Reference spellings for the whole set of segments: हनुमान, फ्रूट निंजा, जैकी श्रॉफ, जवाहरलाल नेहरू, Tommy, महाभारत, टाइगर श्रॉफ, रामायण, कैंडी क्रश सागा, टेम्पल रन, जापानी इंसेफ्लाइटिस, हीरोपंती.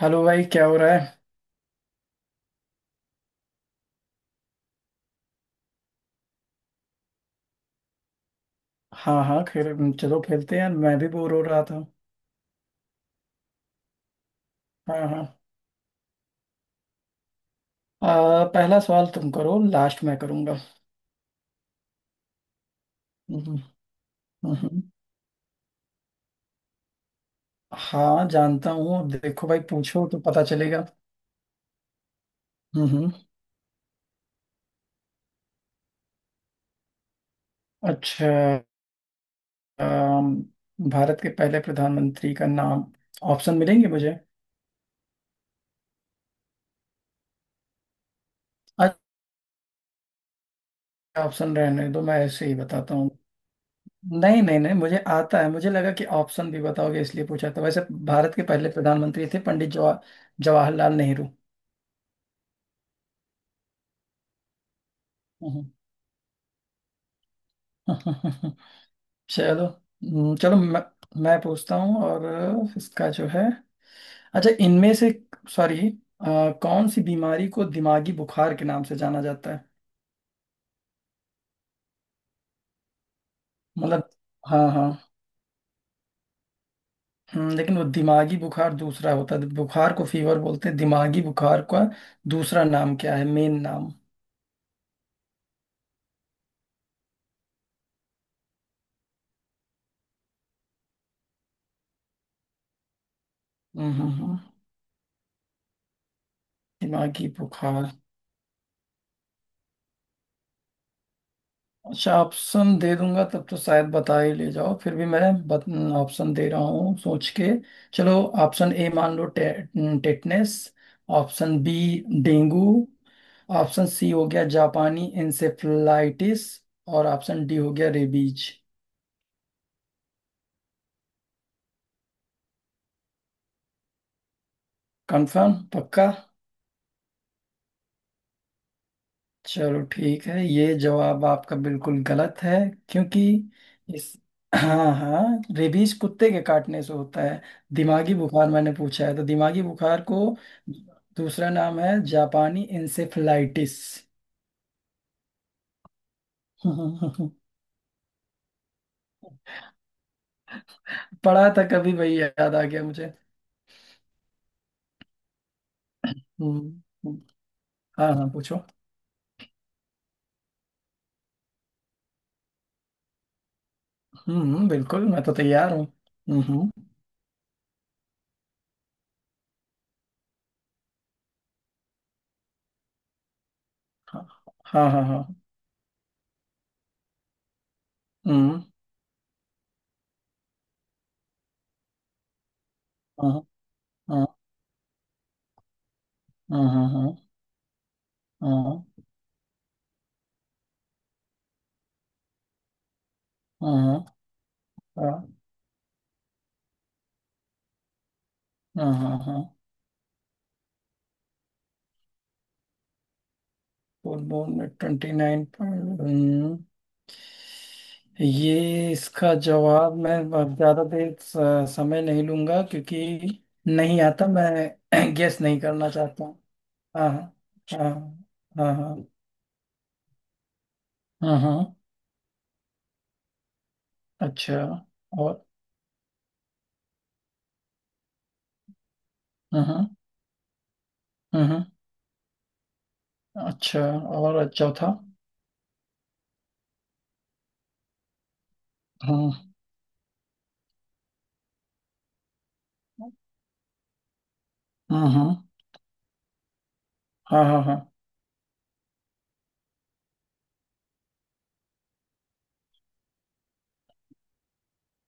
Hello भाई, क्या हो रहा है। हाँ हाँ, खेल, चलो खेलते हैं यार, मैं भी बोर हो रहा था। हाँ हाँ। पहला सवाल तुम करो, लास्ट मैं करूंगा। हम्म। हम्म। हम्म। हाँ, जानता हूँ। अब देखो भाई, पूछो तो पता चलेगा। हम्म। हम्म। अच्छा। अम, भारत के पहले प्रधानमंत्री का नाम। ऑप्शन मिलेंगे मुझे। अच्छा, ऑप्शन रहने दो, मैं ऐसे ही बताता हूँ। नहीं नहीं नहीं, मुझे आता है। मुझे लगा कि ऑप्शन भी बताओगे इसलिए पूछा था। वैसे भारत के पहले प्रधानमंत्री थे पंडित जवाहरलाल नेहरू। हम्म। हम्म। चलो। हम्म। चलो, मैं पूछता हूँ, और इसका जो है। अच्छा, इनमें से। सॉरी। कौन सी बीमारी को दिमागी बुखार के नाम से जाना जाता है। मतलब। हाँ हाँ। लेकिन वो दिमागी बुखार दूसरा होता है। बुखार को फीवर बोलते हैं। दिमागी बुखार का दूसरा नाम क्या है, मेन नाम। हम्म। हम्म। हम्म। दिमागी बुखार। अच्छा, ऑप्शन दे दूंगा तब तो शायद बता ही ले जाओ, फिर भी मैं बत, ऑप्शन दे रहा हूँ सोच के। चलो। ऑप्शन ए मान लो, tetanus. Option B, dengue. Option C हो गया जापानी इंसेफ्लाइटिस। और ऑप्शन डी हो गया रेबीज। कंफर्म? पक्का? चलो ठीक है, ये जवाब आपका बिल्कुल गलत है। क्योंकि इस, हाँ हाँ, रेबीज कुत्ते के काटने से होता है। दिमागी बुखार मैंने पूछा है, तो दिमागी बुखार को दूसरा नाम है जापानी इंसेफ्लाइटिस। पढ़ा था कभी, वही याद आ गया मुझे। हम्म। हम्म। हाँ हाँ, पूछो। हम्म। हम्म। बिल्कुल, मैं तो तैयार हूँ। हम्म। हम्म। हाँ हाँ हाँ हाँ। हम्म। हाँ हाँ हाँ हाँ हाँ हाँ हाँ हाँ हाँ हाँ हाँ। फुल मून में ट्वेंटी नाइन पॉइंट। ये इसका जवाब मैं अब ज्यादा देर समय नहीं लूंगा, क्योंकि नहीं आता। मैं गेस नहीं करना चाहता हूँ। हाँ हाँ हाँ हाँ हाँ हाँ। अच्छा। और, हाँ हाँ हाँ। अच्छा, और चौथा। हाँ हाँ हाँ हाँ हाँ हाँ।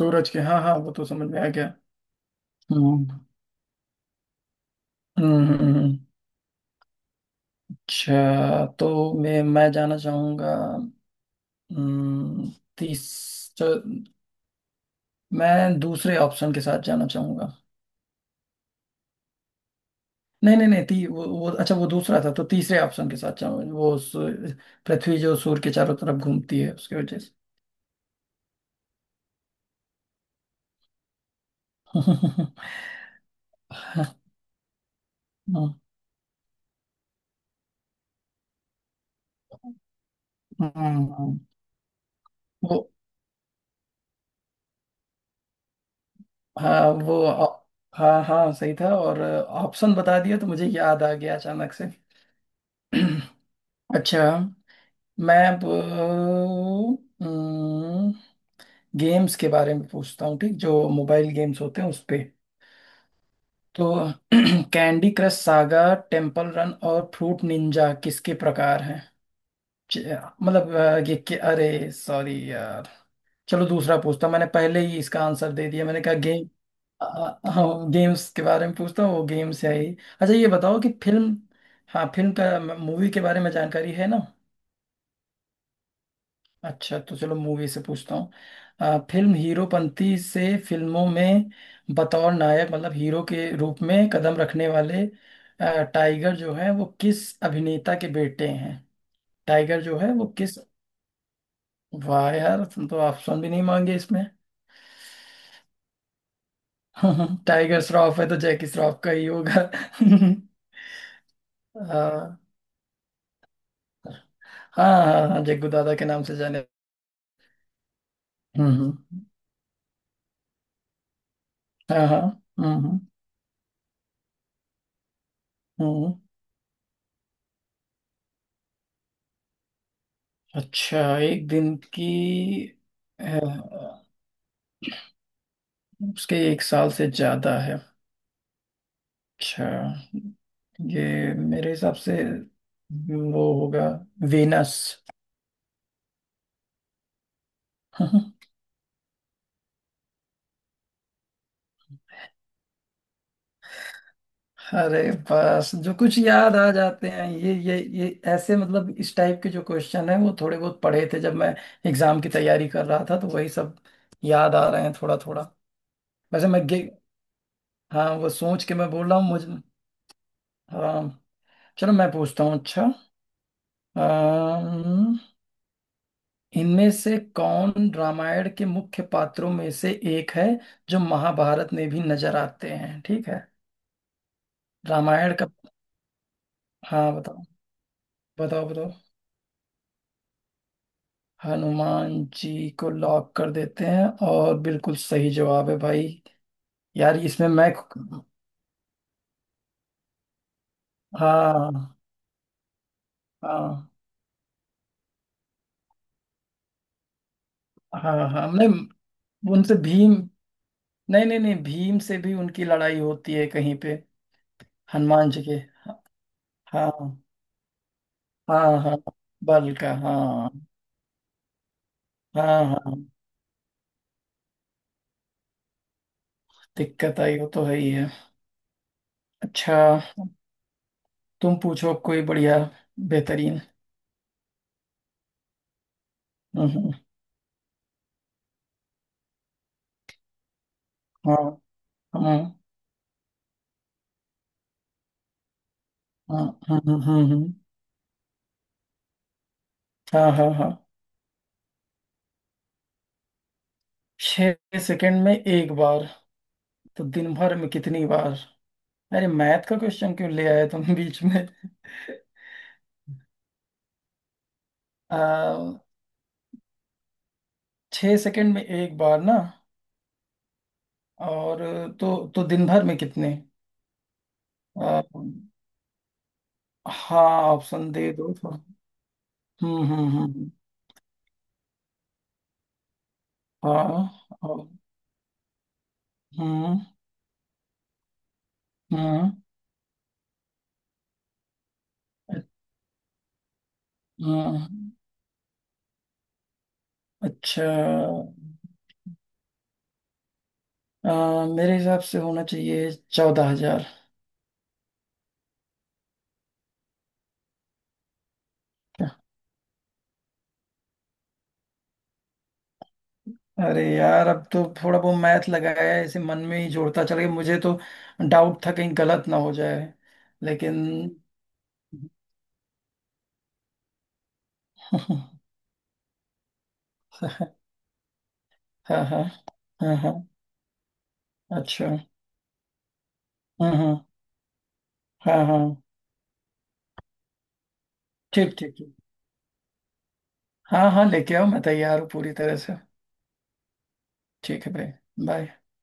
सूरज के, हाँ हाँ, वो तो समझ में आ गया। हम्म। हम्म। हम्म। हम्म। अच्छा, तो मैं जाना चाहूंगा। हम्म। 30 तो, मैं दूसरे ऑप्शन के साथ जाना चाहूंगा। नहीं नहीं नहीं, वो अच्छा, वो दूसरा था, तो तीसरे ऑप्शन के साथ जाऊंगा, वो पृथ्वी जो सूर्य के चारों तरफ घूमती है, उसकी वजह से। हम्म। वो, हाँ वो हाँ हाँ, सही था। और ऑप्शन बता दिया तो मुझे याद आ गया अचानक से। अच्छा, मैं अब गेम्स के बारे में पूछता हूँ, ठीक, जो मोबाइल गेम्स होते हैं उस पे। तो कैंडी क्रश सागा, टेम्पल रन और फ्रूट निंजा किसके प्रकार हैं। च- मतलब ये कि, अरे सॉरी यार। चलो दूसरा पूछता हूं। मैंने पहले ही इसका आंसर दे दिया, मैंने कहा गेम। अ, हाँ, गेम्स के बारे में पूछता हूँ, वो गेम्स है ही। अच्छा, ये बताओ कि फिल्म, हाँ फिल्म का, मूवी के बारे में जानकारी है ना। अच्छा, तो चलो मूवी से पूछता हूँ। फिल्म हीरोपंती से फिल्मों में बतौर नायक, मतलब हीरो के रूप में कदम रखने वाले टाइगर जो है वो किस अभिनेता के बेटे हैं। टाइगर जो है वो किस। वाह यार, तुम तो ऑप्शन भी नहीं मांगे इसमें। टाइगर श्रॉफ है तो जैकी श्रॉफ का ही होगा। हाँ हाँ हाँ हाँ, जग्गू दादा के नाम से जाने। हम्म। हम्म। हाँ हाँ। हम्म। हम्म। हम्म। अच्छा, एक दिन की अ, उसके एक साल से ज्यादा है। अच्छा, ये मेरे हिसाब से वो होगा वेनस। अरे, बस जो कुछ याद आ जाते हैं, ये ऐसे, मतलब इस टाइप के जो क्वेश्चन है वो थोड़े बहुत पढ़े थे जब मैं एग्जाम की तैयारी कर रहा था, तो वही सब याद आ रहे हैं थोड़ा थोड़ा। वैसे मैं गे हाँ, वो सोच के मैं बोल रहा हूँ मुझे। हाँ। चलो मैं पूछता हूँ। अच्छा, इनमें से कौन रामायण के मुख्य पात्रों में से एक है, जो महाभारत में भी नजर आते हैं, ठीक है। रामायण का। हाँ बताओ, बताओ बताओ। हनुमान जी को लॉक कर देते हैं, और बिल्कुल सही जवाब है भाई। यार इसमें मैं, हाँ हाँ हाँ हाँ, हमने, उनसे भीम, नहीं नहीं नहीं, भीम से भी उनकी लड़ाई होती है कहीं पे। हनुमान जी के, हाँ हाँ, हाँ बल का, हाँ। हाँ हाँ, दिक्कत आई, वो तो है ही है। अच्छा, तुम पूछो अब कोई बढ़िया, बेहतरीन। हम्म। हाँ हाँ। हाँ हाँ हाँ हाँ हाँ हाँ हाँ हाँ, हाँ। 6 सेकंड में एक बार, तो दिन भर में कितनी बार, अरे मैथ का क्वेश्चन क्यों ले आए तुम बीच में। आ, 6 सेकंड में एक बार ना, और तो दिन भर में कितने। आ, हाँ, ऑप्शन दे दो थोड़ा। हम्म। हम्म। हम्म। हाँ, हम्म। हम्म। हम्म। अच्छा, मेरे हिसाब से होना चाहिए 14,000। अरे यार, अब तो थोड़ा बहुत मैथ लगाया है, ऐसे मन में ही जोड़ता चला गया, मुझे तो डाउट था कहीं गलत ना हो जाए, लेकिन हाँ हाँ हाँ हाँ। अच्छा। हम्म। हम्म। हाँ हाँ। ठीक ठीक ठीक। हाँ हाँ, लेके आओ, मैं तैयार हूँ पूरी तरह से। ठीक है भाई, बाय।